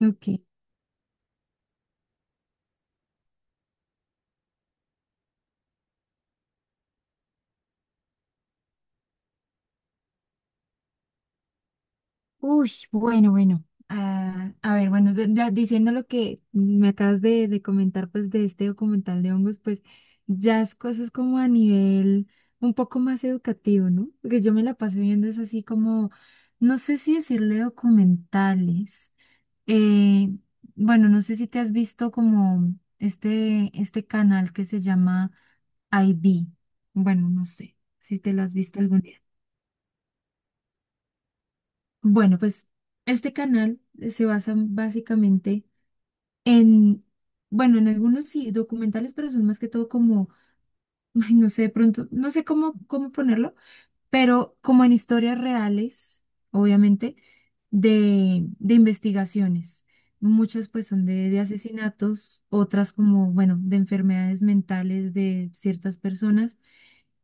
Ok. Uy, bueno, bueno. Ah, a ver, bueno, ya diciendo lo que me acabas de comentar, pues de este documental de hongos, pues ya es cosas como a nivel un poco más educativo, ¿no? Porque yo me la paso viendo es así como, no sé si decirle documentales. Eh, bueno, no sé si te has visto como este canal que se llama ID. Bueno, no sé si te lo has visto algún día. Bueno, pues este canal se basa básicamente en, bueno, en algunos sí documentales, pero son más que todo como, ay, no sé, de pronto, no sé cómo ponerlo, pero como en historias reales, obviamente, de investigaciones. Muchas pues son de asesinatos, otras como, bueno, de enfermedades mentales de ciertas personas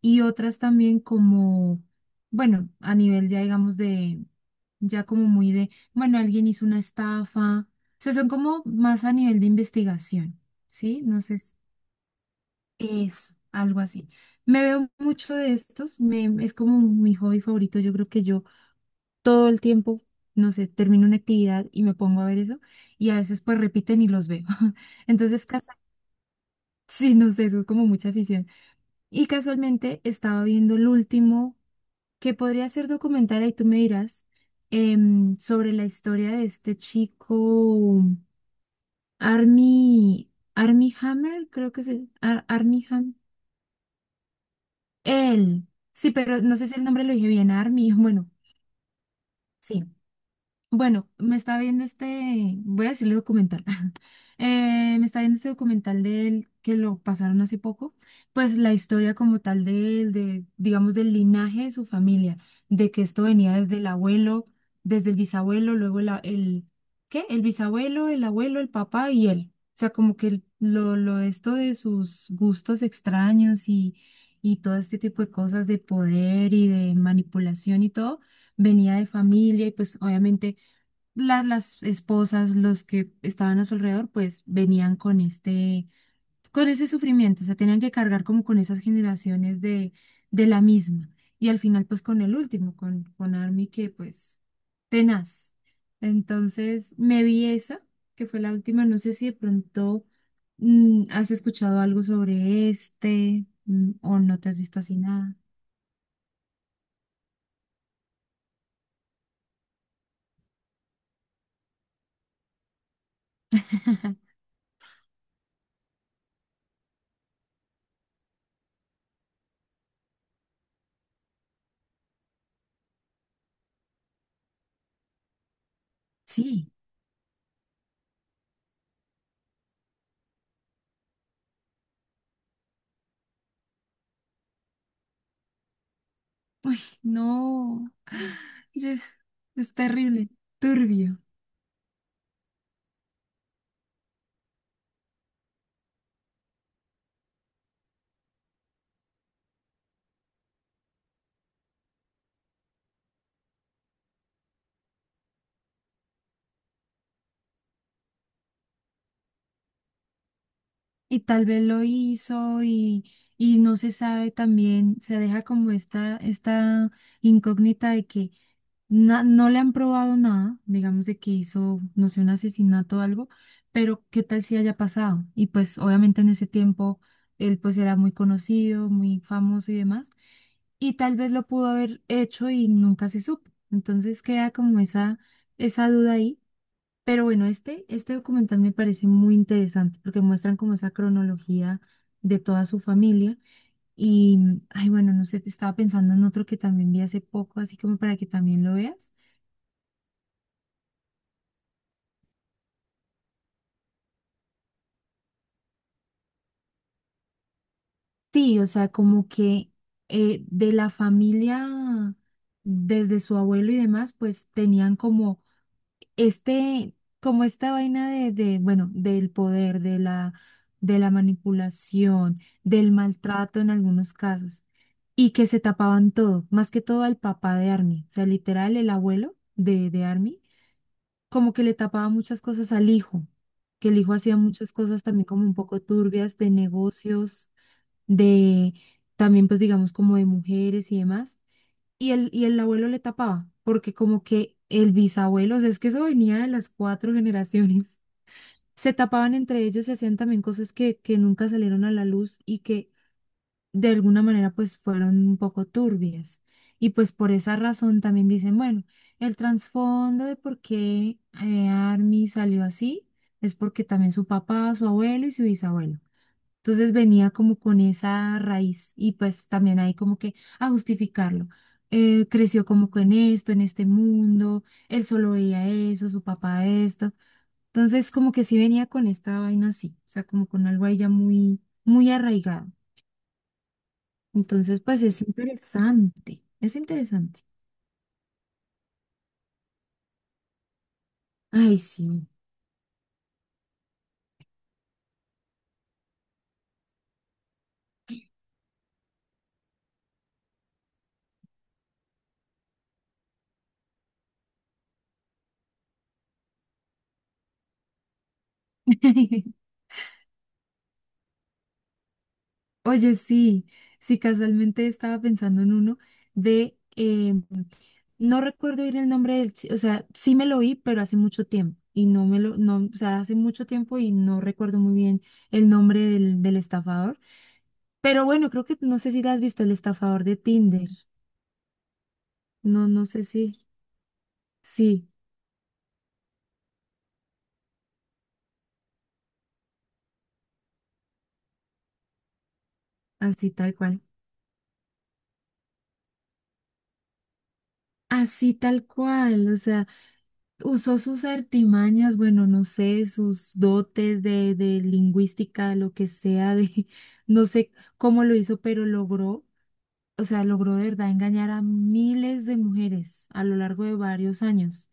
y otras también como, bueno, a nivel ya digamos de, ya como muy de, bueno, alguien hizo una estafa. O sea, son como más a nivel de investigación, ¿sí? No sé si eso, algo así. Me veo mucho de estos, me, es como mi hobby favorito. Yo creo que yo todo el tiempo, no sé, termino una actividad y me pongo a ver eso, y a veces pues repiten y los veo. Entonces, casual, sí, no sé, eso es como mucha afición. Y casualmente estaba viendo el último, que podría ser documental, ahí tú me dirás, sobre la historia de este chico, Army, Army Hammer, creo que es el Army Hammer. Él, sí, pero no sé si el nombre lo dije bien, Army, bueno, sí. Bueno, me está viendo este, voy a decirle documental. Me está viendo este documental de él que lo pasaron hace poco, pues la historia como tal de él, de, digamos, del linaje de su familia, de que esto venía desde el abuelo, desde el bisabuelo, luego el ¿qué? El bisabuelo, el abuelo, el papá y él. O sea, como que lo de esto de sus gustos extraños y todo este tipo de cosas de poder y de manipulación y todo, venía de familia y pues obviamente las esposas, los que estaban a su alrededor, pues venían con este, con ese sufrimiento, o sea, tenían que cargar como con esas generaciones de la misma. Y al final, pues con el último, con Army, que pues tenaz. Entonces, me vi esa, que fue la última, no sé si de pronto has escuchado algo sobre este, o no te has visto así nada. Sí, no, yo- es terrible, turbio. Y tal vez lo hizo y no se sabe también, se deja como esta incógnita de que no le han probado nada, digamos de que hizo, no sé, un asesinato o algo, pero qué tal si haya pasado. Y pues obviamente en ese tiempo él pues era muy conocido, muy famoso y demás, y tal vez lo pudo haber hecho y nunca se supo. Entonces queda como esa duda ahí. Pero bueno, este documental me parece muy interesante porque muestran como esa cronología de toda su familia. Y, mm, ay, bueno, no sé, te estaba pensando en otro que también vi hace poco, así como para que también lo veas. Sí, o sea, como que de la familia, desde su abuelo y demás, pues tenían como este, como esta vaina bueno, del poder, de de la manipulación, del maltrato en algunos casos, y que se tapaban todo, más que todo al papá de Army, o sea, literal, el abuelo de Army, como que le tapaba muchas cosas al hijo, que el hijo hacía muchas cosas también como un poco turbias de negocios, de también, pues digamos, como de mujeres y demás y el abuelo le tapaba, porque como que el bisabuelo, o sea, es que eso venía de las cuatro generaciones. Se tapaban entre ellos y hacían también cosas que nunca salieron a la luz y que de alguna manera pues fueron un poco turbias. Y pues por esa razón también dicen, bueno, el trasfondo de por qué Army salió así es porque también su papá, su abuelo y su bisabuelo. Entonces venía como con esa raíz y pues también ahí como que a justificarlo. Creció como con esto, en este mundo, él solo veía eso, su papá esto. Entonces como que sí venía con esta vaina así, o sea, como con algo ahí ya muy, muy arraigado. Entonces pues es interesante, es interesante. Ay, sí. Oye, sí, sí, casualmente estaba pensando en uno de, no recuerdo ir el nombre del, o sea, sí me lo vi, pero hace mucho tiempo y no me lo, no, o sea, hace mucho tiempo y no recuerdo muy bien el nombre del estafador. Pero bueno, creo que no sé si la has visto, el estafador de Tinder. No, no sé si, sí, así tal cual. Así tal cual, o sea, usó sus artimañas, bueno, no sé, sus dotes de lingüística, lo que sea, de, no sé cómo lo hizo, pero logró o sea, logró de verdad engañar a miles de mujeres a lo largo de varios años.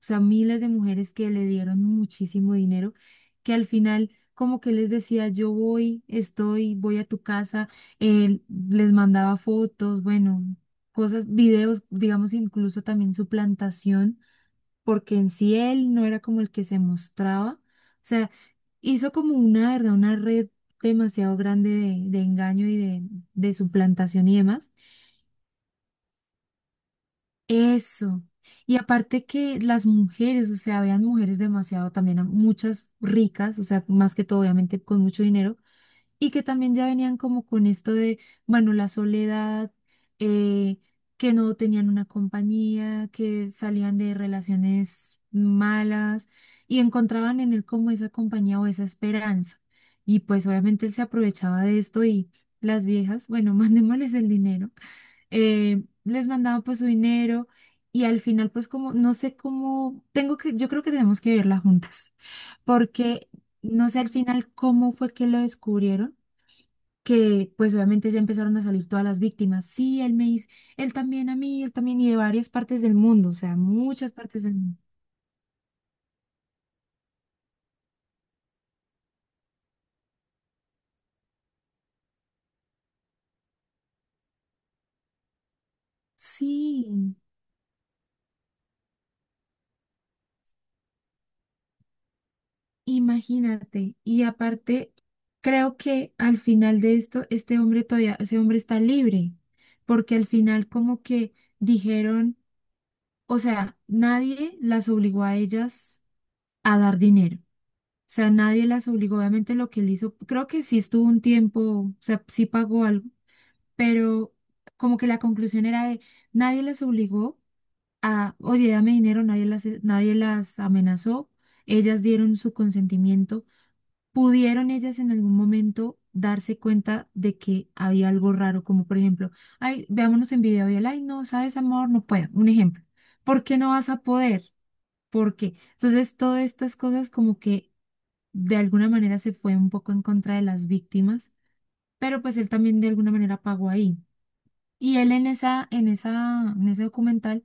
O sea, miles de mujeres que le dieron muchísimo dinero, que al final como que les decía, yo voy, estoy, voy a tu casa, él les mandaba fotos, bueno, cosas, videos, digamos, incluso también su plantación, porque en sí él no era como el que se mostraba. O sea, hizo como una, ¿verdad? Una red demasiado grande de engaño y de suplantación y demás. Eso. Y aparte que las mujeres, o sea, habían mujeres demasiado también, muchas ricas, o sea, más que todo, obviamente, con mucho dinero, y que también ya venían como con esto de, bueno, la soledad, eh, que no tenían una compañía, que salían de relaciones malas y encontraban en él como esa compañía o esa esperanza. Y pues obviamente él se aprovechaba de esto y las viejas, bueno, mandémosles el dinero les mandaba pues su dinero y al final pues como, no sé cómo, tengo que, yo creo que tenemos que verla juntas, porque no sé al final cómo fue que lo descubrieron, que pues obviamente ya empezaron a salir todas las víctimas, sí, él me hizo, él también a mí, él también y de varias partes del mundo, o sea, muchas partes del mundo. Sí, imagínate, y aparte, creo que al final de esto, este hombre todavía, ese hombre está libre, porque al final como que dijeron, o sea, nadie las obligó a ellas a dar dinero. O sea, nadie las obligó, obviamente lo que él hizo, creo que sí estuvo un tiempo, o sea, sí pagó algo, pero como que la conclusión era de nadie las obligó a, oye, dame dinero, nadie las, nadie las amenazó, ellas dieron su consentimiento, pudieron ellas en algún momento darse cuenta de que había algo raro, como por ejemplo, ay, veámonos en video y él, ay, no, sabes, amor, no puedo, un ejemplo, ¿por qué no vas a poder? Porque entonces todas estas cosas como que de alguna manera se fue un poco en contra de las víctimas, pero pues él también de alguna manera pagó ahí. Y él en esa, en ese documental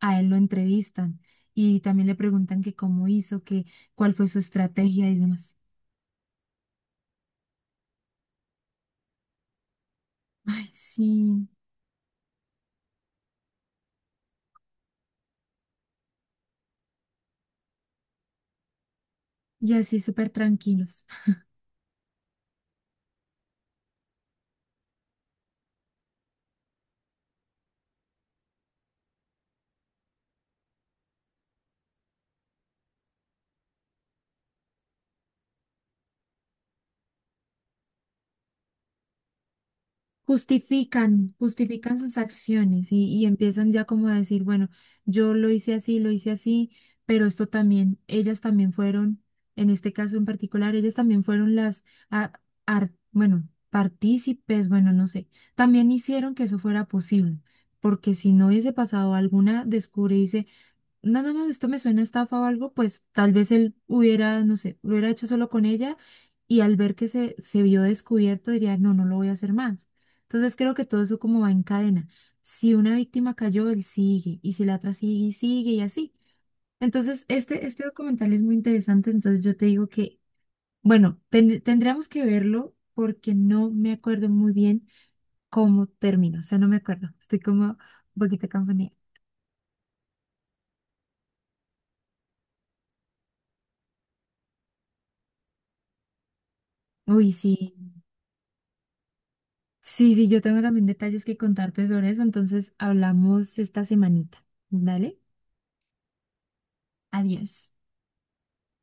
a él lo entrevistan y también le preguntan que cómo hizo, que cuál fue su estrategia y demás. Ay, sí, y así súper tranquilos. Justifican, justifican sus acciones y empiezan ya como a decir, bueno, yo lo hice así, pero esto también, ellas también fueron, en este caso en particular, ellas también fueron las, a- bueno, partícipes, bueno, no sé, también hicieron que eso fuera posible, porque si no hubiese pasado alguna no, no, no, esto me suena a estafa o algo, pues tal vez él hubiera, no sé, lo hubiera hecho solo con ella y al ver que se vio descubierto diría, no, no lo voy a hacer más. Entonces creo que todo eso como va en cadena. Si una víctima cayó, él sigue y si la otra sigue y sigue y así. Entonces, este documental es muy interesante, entonces yo te digo que, bueno, tendríamos que verlo porque no me acuerdo muy bien cómo terminó, o sea, no me acuerdo, estoy como un poquito confundida. Uy, sí. Sí, sí, yo tengo también detalles que contarte sobre eso, entonces hablamos esta semanita. Dale, adiós.